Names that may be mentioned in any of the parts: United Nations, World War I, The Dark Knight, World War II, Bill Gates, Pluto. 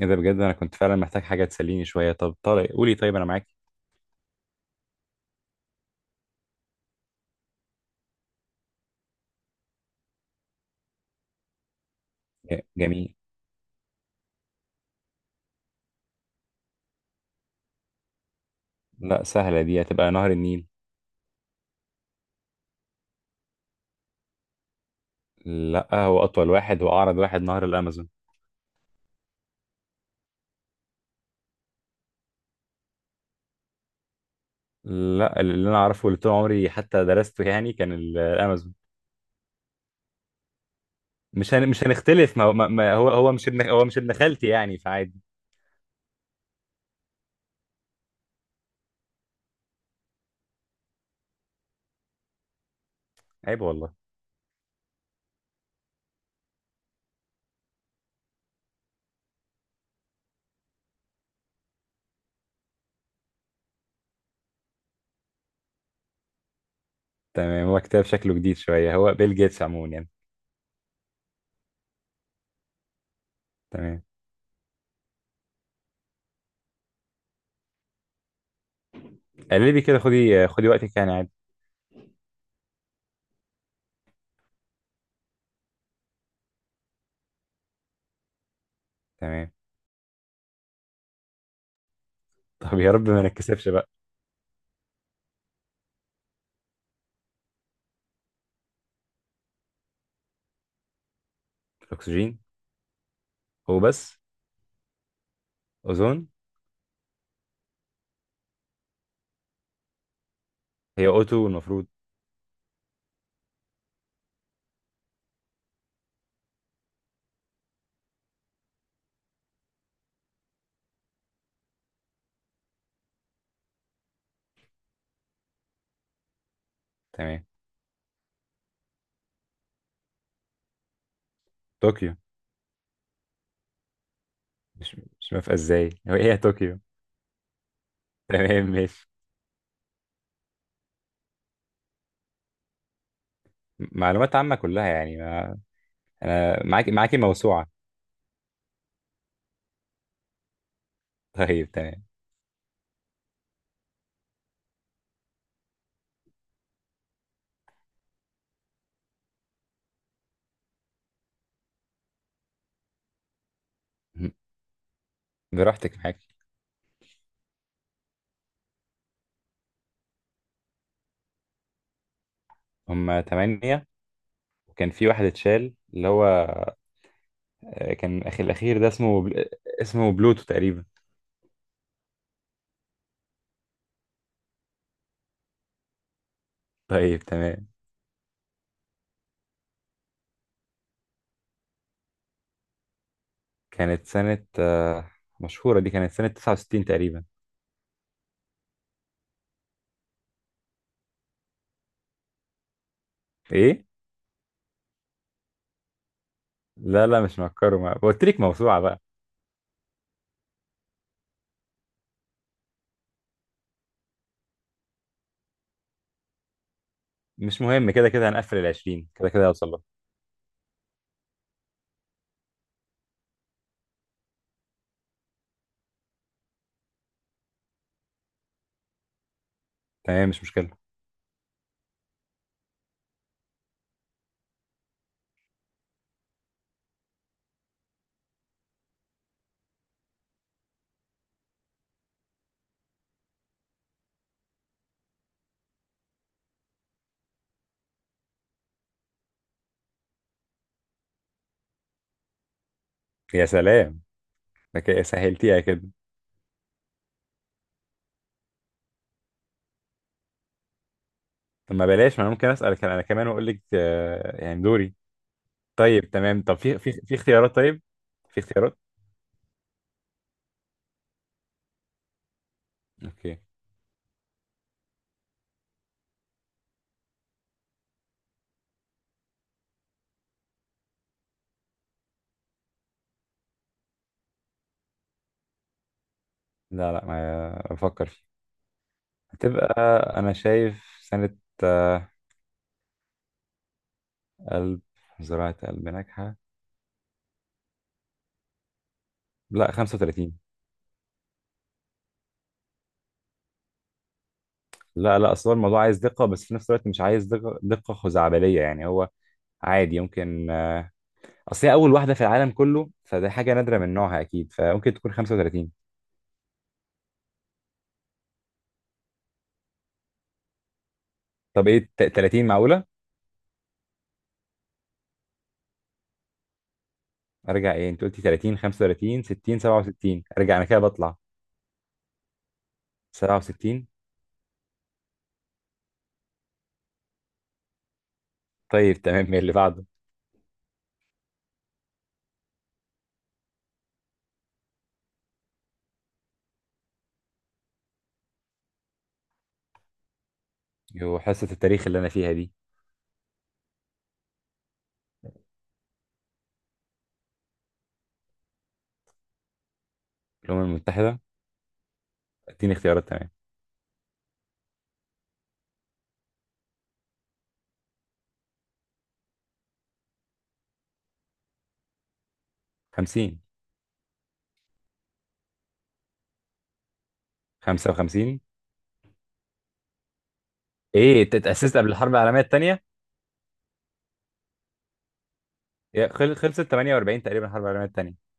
ايه ده بجد. انا كنت فعلا محتاج حاجه تسليني شويه. طب طارق قولي، طيب انا معاك. جميل. لا، سهله دي، هتبقى نهر النيل. لا، هو اطول واحد واعرض واحد نهر الامازون. لا، اللي انا اعرفه واللي طول عمري حتى درسته يعني كان الامازون. مش هنختلف، ما هو ما هو، هو مش ابن، هو مش ابن خالتي، يعني فعادي. عيب والله. تمام، هو كتاب شكله جديد شويه. هو بيل جيتس عموما يعني. تمام. قلبي كده، خدي وقتك يعني، عادي. تمام. طب يا رب ما نتكسفش بقى. الاكسجين. هو بس. اوزون. هي اوتو المفروض. تمام. طوكيو. مش موافقة ازاي؟ هو ايه؟ هي طوكيو. تمام ماشي. معلومات عامة كلها يعني ما... انا معاكي موسوعة. طيب تمام. م- براحتك معاكي. هما تمانية، وكان في واحد اتشال اللي هو كان اخي الاخير ده اسمه اسمه بلوتو تقريبا. طيب تمام. كانت سنة مشهورة دي، كانت سنة 69 تقريبا. ايه؟ لا مش مفكره، ما قلت لك موسوعة بقى. مش مهم، كده كده هنقفل ال 20، كده كده هوصل لها. تمام، مش مشكلة. يا سلام، ده كده سهلتيها كده. طب ما بلاش، ما انا ممكن اسالك انا كمان واقول لك يعني دوري. طيب تمام. طب في اختيارات؟ طيب في اختيارات. اوكي. لا ما بفكر فيه. هتبقى، انا شايف سنة آه، قلب، زراعة قلب ناجحة. لا، 35. لا اصل هو الموضوع عايز دقة، بس في نفس الوقت مش عايز دقة خزعبلية يعني. هو عادي يمكن، اصل هي اول واحدة في العالم كله، فده حاجة نادرة من نوعها اكيد، فممكن تكون 35. طب ايه 30 معقولة؟ ارجع ايه، انت قلتي 30، 35، 60، 67. ارجع انا كده بطلع. 67. طيب تمام، إيه اللي بعده؟ يو، حصة التاريخ اللي انا فيها دي. الامم المتحدة. اديني اختيارات. تمام. 50. 55. ايه انت، اتأسست قبل الحرب العالمية التانية؟ يا خلصت 48 تقريبا الحرب العالمية التانية.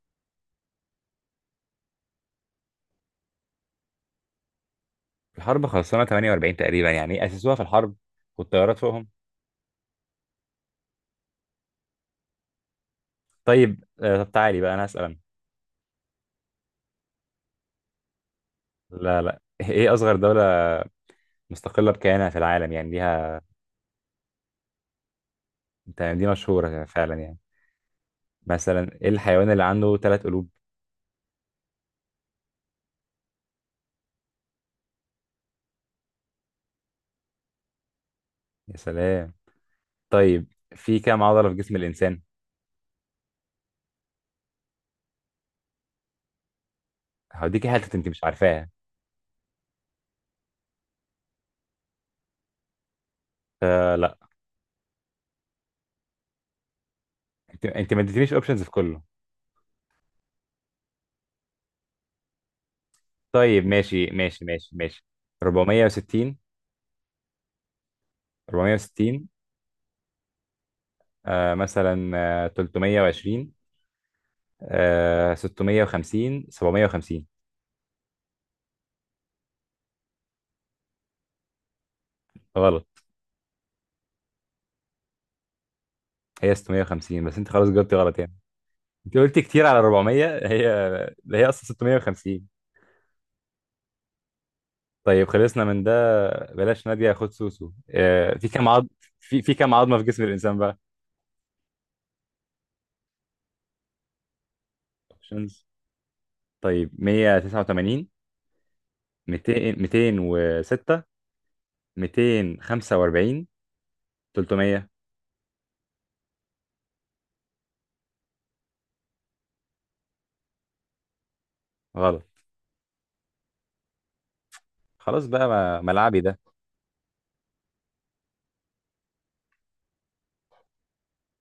الحرب خلصانة 48 تقريبا، يعني إيه اسسوها في الحرب والطيارات فوقهم؟ طيب، طب تعالي بقى انا اسأل أنا. لا ايه اصغر دولة مستقلة بكيانها في العالم، يعني ليها؟ يعني دي مشهورة فعلا يعني. مثلا ايه الحيوان اللي عنده ثلاث قلوب؟ يا سلام. طيب، في كام عضلة في جسم الإنسان؟ هديكي حتة انت مش عارفاها. فلا. انت انت ما اديتنيش اوبشنز في كله. طيب ماشي. 460. 460. آه مثلا، آه 320، آه 650، 750. غلط. هي 650، بس انت خلاص جاوبتي غلط يعني. انت قلتي كتير على 400، هي هي اصلا 650. طيب خلصنا من ده. بلاش نادية خد سوسو. في كام عظم؟ في كام عظمة في جسم الإنسان بقى؟ اوبشنز. طيب 189، 200، 206، 245، 300. غلط. خلاص بقى، ملعبي ده.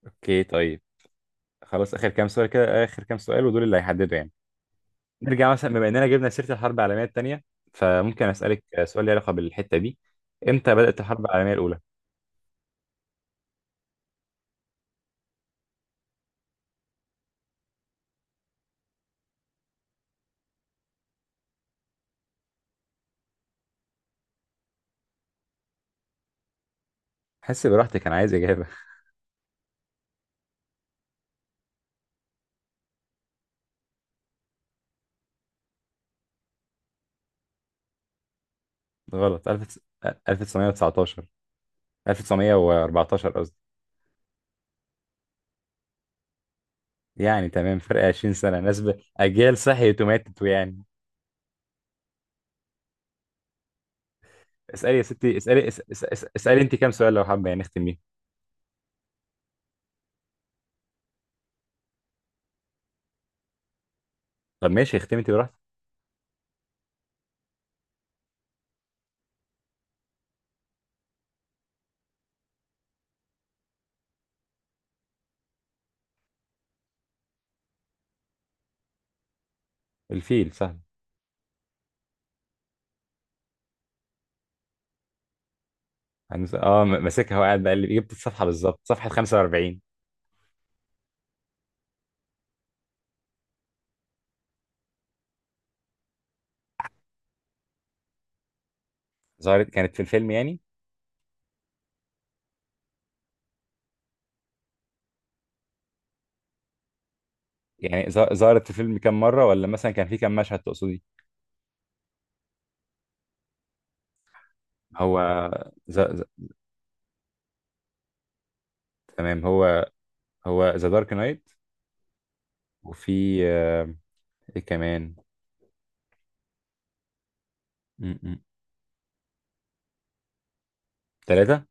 اوكي طيب. خلاص آخر كام سؤال كده، آخر كام سؤال ودول اللي هيحددوا يعني. نرجع مثلا، بما إننا جبنا سيرة الحرب العالمية التانية، فممكن أسألك سؤال له علاقة بالحتة دي. إمتى بدأت الحرب العالمية الأولى؟ حس براحتك، أنا عايز إجابة. غلط. 1919. 1914 قصدي. يعني تمام، فرق 20 سنة، ناس أجيال صحيت وماتت ويعني. اسألي يا ستي، اسألي اسألي أنت كام سؤال لو حابة يعني نختم بيه. طب ماشي، اختمي أنت براحتك. الفيل سهل. اه ماسكها وقاعد بقلب، جبت الصفحة بالظبط صفحة 45. ظهرت كانت في الفيلم يعني؟ يعني ظهرت في الفيلم كام مرة، ولا مثلا كان في كام مشهد تقصدي؟ هو ز... ز... تمام. هو هو ذا دارك نايت، وفي ايه كمان. ثلاثة.